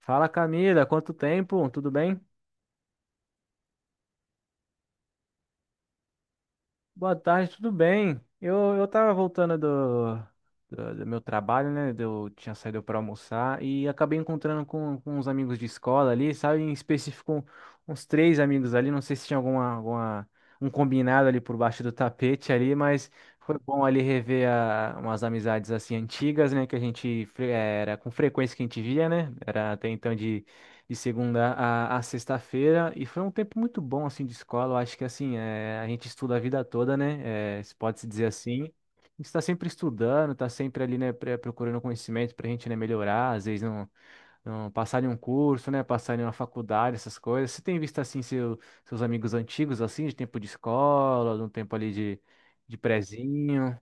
Fala, Camila, quanto tempo? Tudo bem? Boa tarde, tudo bem? Eu tava voltando do meu trabalho, né? Eu tinha saído para almoçar e acabei encontrando com uns amigos de escola ali, sabe? Em específico, uns três amigos ali. Não sei se tinha um combinado ali por baixo do tapete ali, mas foi bom ali rever umas amizades assim antigas, né? Que a gente era com frequência que a gente via, né? Era até então de segunda a sexta-feira e foi um tempo muito bom assim de escola. Eu acho que assim é, a gente estuda a vida toda, né? É, se pode se dizer assim. A gente está sempre estudando, está sempre ali, né, procurando conhecimento para a gente, né, melhorar, às vezes não passar em um curso, né, passar em uma faculdade, essas coisas. Você tem visto assim seus amigos antigos assim de tempo de escola, de um tempo ali de prezinho?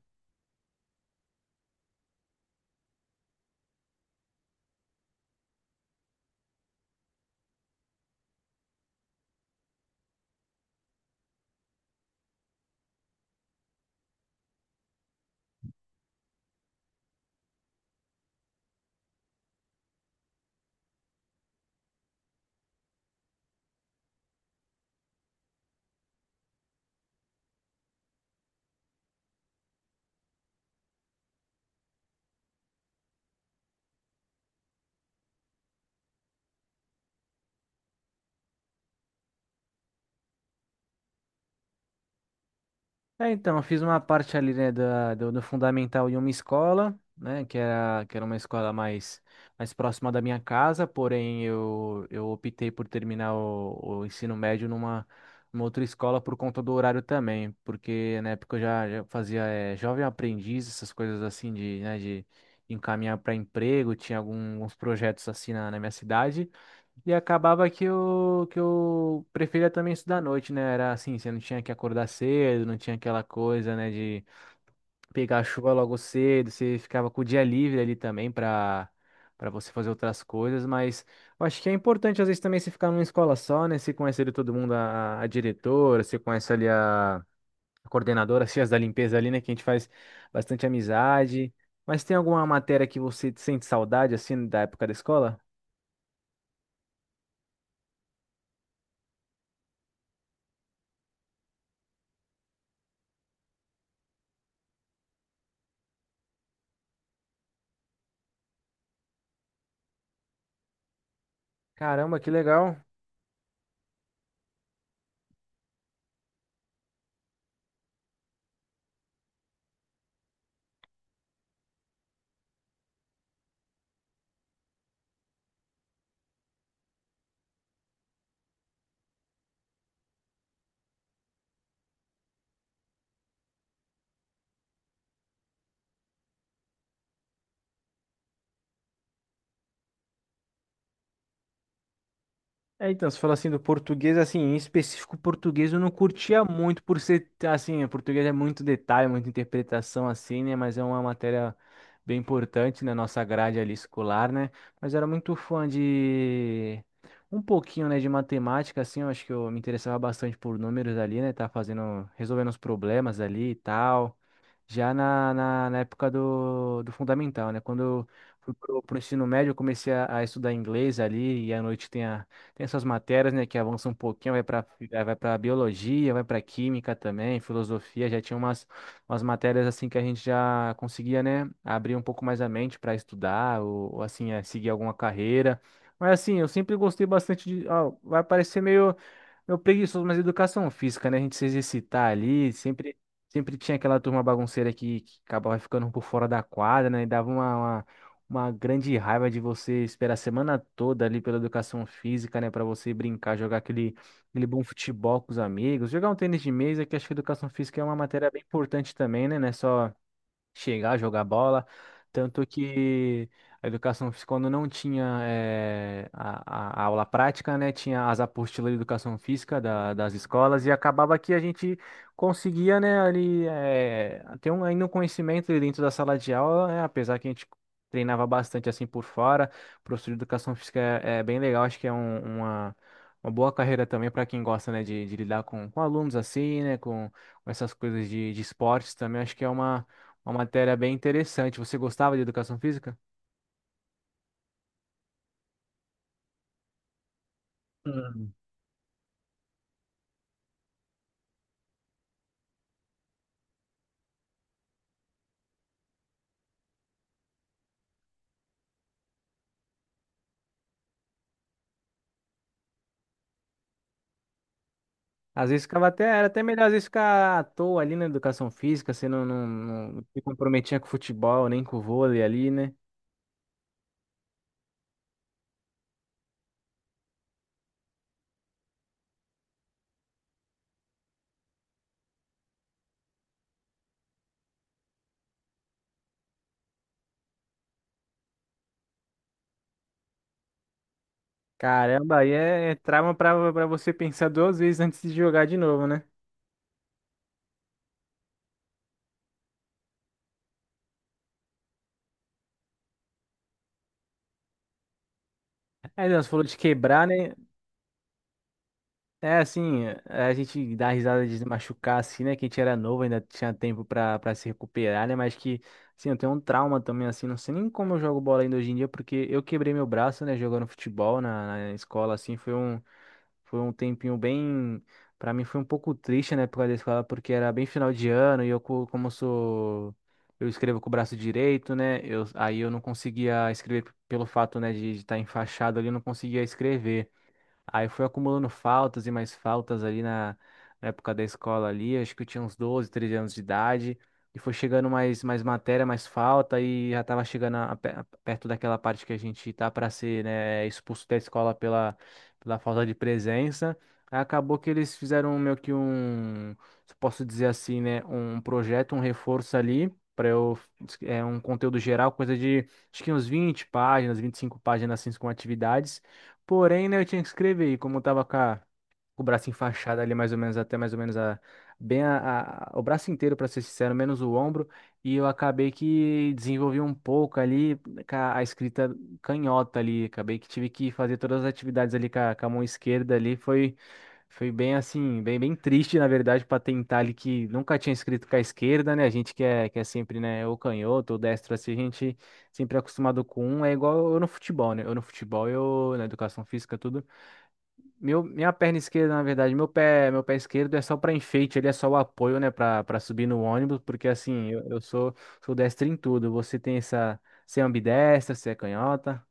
É, então, eu fiz uma parte ali, né, do fundamental em uma escola, né, que era uma escola mais próxima da minha casa, porém eu optei por terminar o ensino médio numa outra escola por conta do horário também, porque na época eu já fazia jovem aprendiz, essas coisas assim de, né, de encaminhar para emprego, tinha alguns projetos assim na minha cidade. E acabava que eu preferia também estudar à noite, né? Era assim, você não tinha que acordar cedo, não tinha aquela coisa, né, de pegar a chuva logo cedo, você ficava com o dia livre ali também para você fazer outras coisas, mas eu acho que é importante às vezes também você ficar numa escola só, né? Você conhece ali todo mundo, a diretora, você conhece ali a coordenadora, as tias da limpeza ali, né? Que a gente faz bastante amizade. Mas tem alguma matéria que você sente saudade, assim, da época da escola? Caramba, que legal. É, então, você falou assim do português, assim, em específico o português eu não curtia muito por ser, assim, o português é muito detalhe, muita interpretação, assim, né, mas é uma matéria bem importante na nossa grade ali escolar, né, mas eu era muito fã de um pouquinho, né, de matemática, assim, eu acho que eu me interessava bastante por números ali, né, tá fazendo, resolvendo os problemas ali e tal já na época do fundamental, né? Quando eu fui pro ensino médio, eu comecei a estudar inglês ali, e à noite tem, tem essas matérias, né, que avançam um pouquinho, vai para biologia, vai para química também, filosofia, já tinha umas matérias assim que a gente já conseguia, né, abrir um pouco mais a mente para estudar, ou assim, é, seguir alguma carreira. Mas assim, eu sempre gostei bastante de, ó, vai parecer meio meu preguiçoso, mas educação física, né? A gente se exercitar ali, sempre tinha aquela turma bagunceira que acabava ficando por fora da quadra, né? E dava uma grande raiva de você esperar a semana toda ali pela educação física, né? Pra você brincar, jogar aquele bom futebol com os amigos, jogar um tênis de mesa, que acho que educação física é uma matéria bem importante também, né? Não é só chegar, jogar bola. Tanto que a educação física, quando não tinha a aula prática, né, tinha as apostilas de educação física das escolas e acabava que a gente conseguia, né, ali ainda um conhecimento ali dentro da sala de aula, né, apesar que a gente treinava bastante assim por fora. O professor de educação física é bem legal, acho que é uma boa carreira também para quem gosta, né, de lidar com alunos assim, né, com essas coisas de esportes também, acho que é uma matéria bem interessante. Você gostava de educação física? Hum. Às vezes ficava até, era até melhor às vezes ficar à toa ali na educação física, você não se comprometia com o futebol, nem com o vôlei ali, né? Caramba, aí é trauma pra você pensar duas vezes antes de jogar de novo, né? Aí não, você falou de quebrar, né? É, assim, é, a gente dá risada de se machucar, assim, né? Que a gente era novo, ainda tinha tempo pra se recuperar, né? Mas que, assim, eu tenho um trauma também, assim, não sei nem como eu jogo bola ainda hoje em dia, porque eu quebrei meu braço, né? Jogando futebol na escola, assim, foi um tempinho bem. Pra mim foi um pouco triste, né? Por causa da escola, porque era bem final de ano e como eu sou. Eu escrevo com o braço direito, né? Aí eu não conseguia escrever pelo fato, né, de estar enfaixado ali, eu não conseguia escrever. Aí fui acumulando faltas e mais faltas ali na época da escola ali, acho que eu tinha uns 12, 13 anos de idade, e foi chegando mais matéria, mais falta, e já tava chegando perto daquela parte que a gente tá para ser, né, expulso da escola pela falta de presença. Aí acabou que eles fizeram meio que um, se posso dizer assim, né, um projeto, um reforço ali, para eu, é um conteúdo geral, coisa de, acho que uns 20 páginas, 25 páginas, assim, com atividades. Porém, né, eu tinha que escrever, e como eu tava com o braço enfaixado ali mais ou menos até mais ou menos a bem a- o braço inteiro para ser sincero, menos o ombro, e eu acabei que desenvolvi um pouco ali com a escrita canhota ali, acabei que tive que fazer todas as atividades ali com com a mão esquerda ali, foi bem assim, bem triste na verdade para tentar ali que nunca tinha escrito com a esquerda, né? A gente que é sempre, né, ou canhoto ou destro assim, a gente sempre é acostumado com um, é igual eu no futebol, né? Eu no futebol, eu na educação física tudo minha perna esquerda, na verdade, meu pé esquerdo é só para enfeite, ele é só o apoio, né, para subir no ônibus, porque assim, eu sou destro em tudo. Você tem essa, você é ambidestra, você é canhota?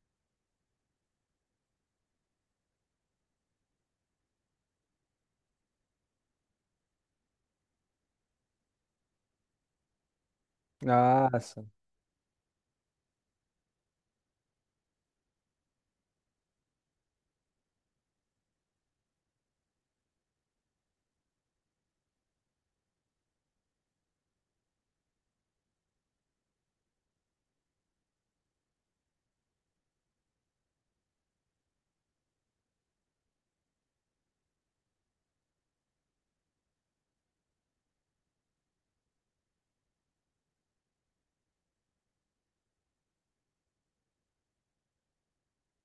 Nossa.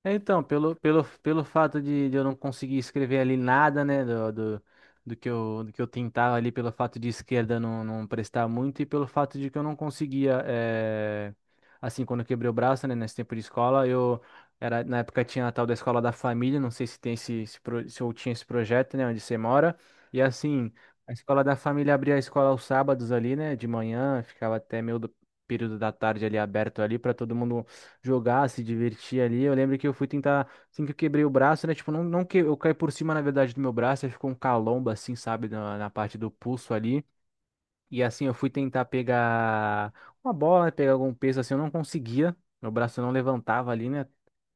É, então, pelo fato de eu não conseguir escrever ali nada, né, do que eu tentava ali, pelo fato de esquerda não prestar muito e pelo fato de que eu não conseguia, assim, quando eu quebrei o braço, né, nesse tempo de escola, eu, era, na época tinha a tal da escola da família, não sei se tem se eu tinha esse projeto, né, onde você mora, e assim, a escola da família abria a escola aos sábados ali, né, de manhã, ficava até meio do período da tarde ali aberto ali para todo mundo jogar, se divertir ali. Eu lembro que eu fui tentar, assim que eu quebrei o braço, né? Tipo, não que eu caí por cima, na verdade, do meu braço, aí ficou um calombo, assim, sabe, na parte do pulso ali. E assim eu fui tentar pegar uma bola, pegar algum peso assim, eu não conseguia. Meu braço não levantava ali, né?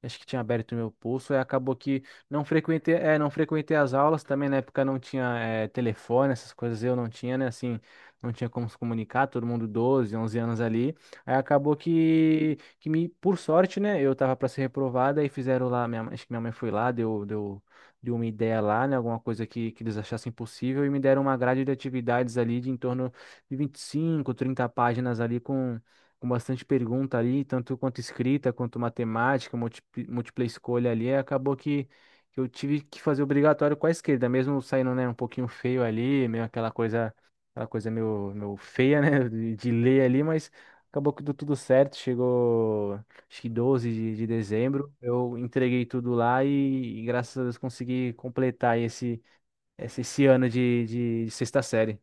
Acho que tinha aberto meu pulso, e acabou que não frequentei as aulas também, na época não tinha telefone, essas coisas eu não tinha, né? Assim, não tinha como se comunicar, todo mundo 12 11 anos ali. Aí acabou que me, por sorte, né? Eu tava para ser reprovada e fizeram lá, acho que minha mãe foi lá, deu uma ideia lá, né? Alguma coisa que eles achassem possível e me deram uma grade de atividades ali de em torno de 25 30 páginas ali com bastante pergunta ali, tanto quanto escrita, quanto matemática, múltipla escolha ali, aí acabou que eu tive que fazer obrigatório com a esquerda, mesmo saindo, né, um pouquinho feio ali, meio aquela coisa meio feia, né, de ler ali, mas acabou que deu tudo certo, chegou acho que 12 de dezembro, eu entreguei tudo lá e graças a Deus consegui completar esse, ano de sexta série.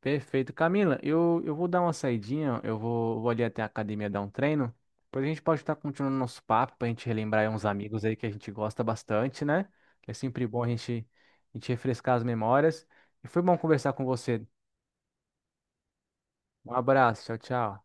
Perfeito. Camila, eu vou dar uma saidinha, eu vou ali até a academia dar um treino. Depois a gente pode estar continuando nosso papo para a gente relembrar aí uns amigos aí que a gente gosta bastante, né? Que é sempre bom a gente refrescar as memórias. E foi bom conversar com você. Um abraço, tchau, tchau.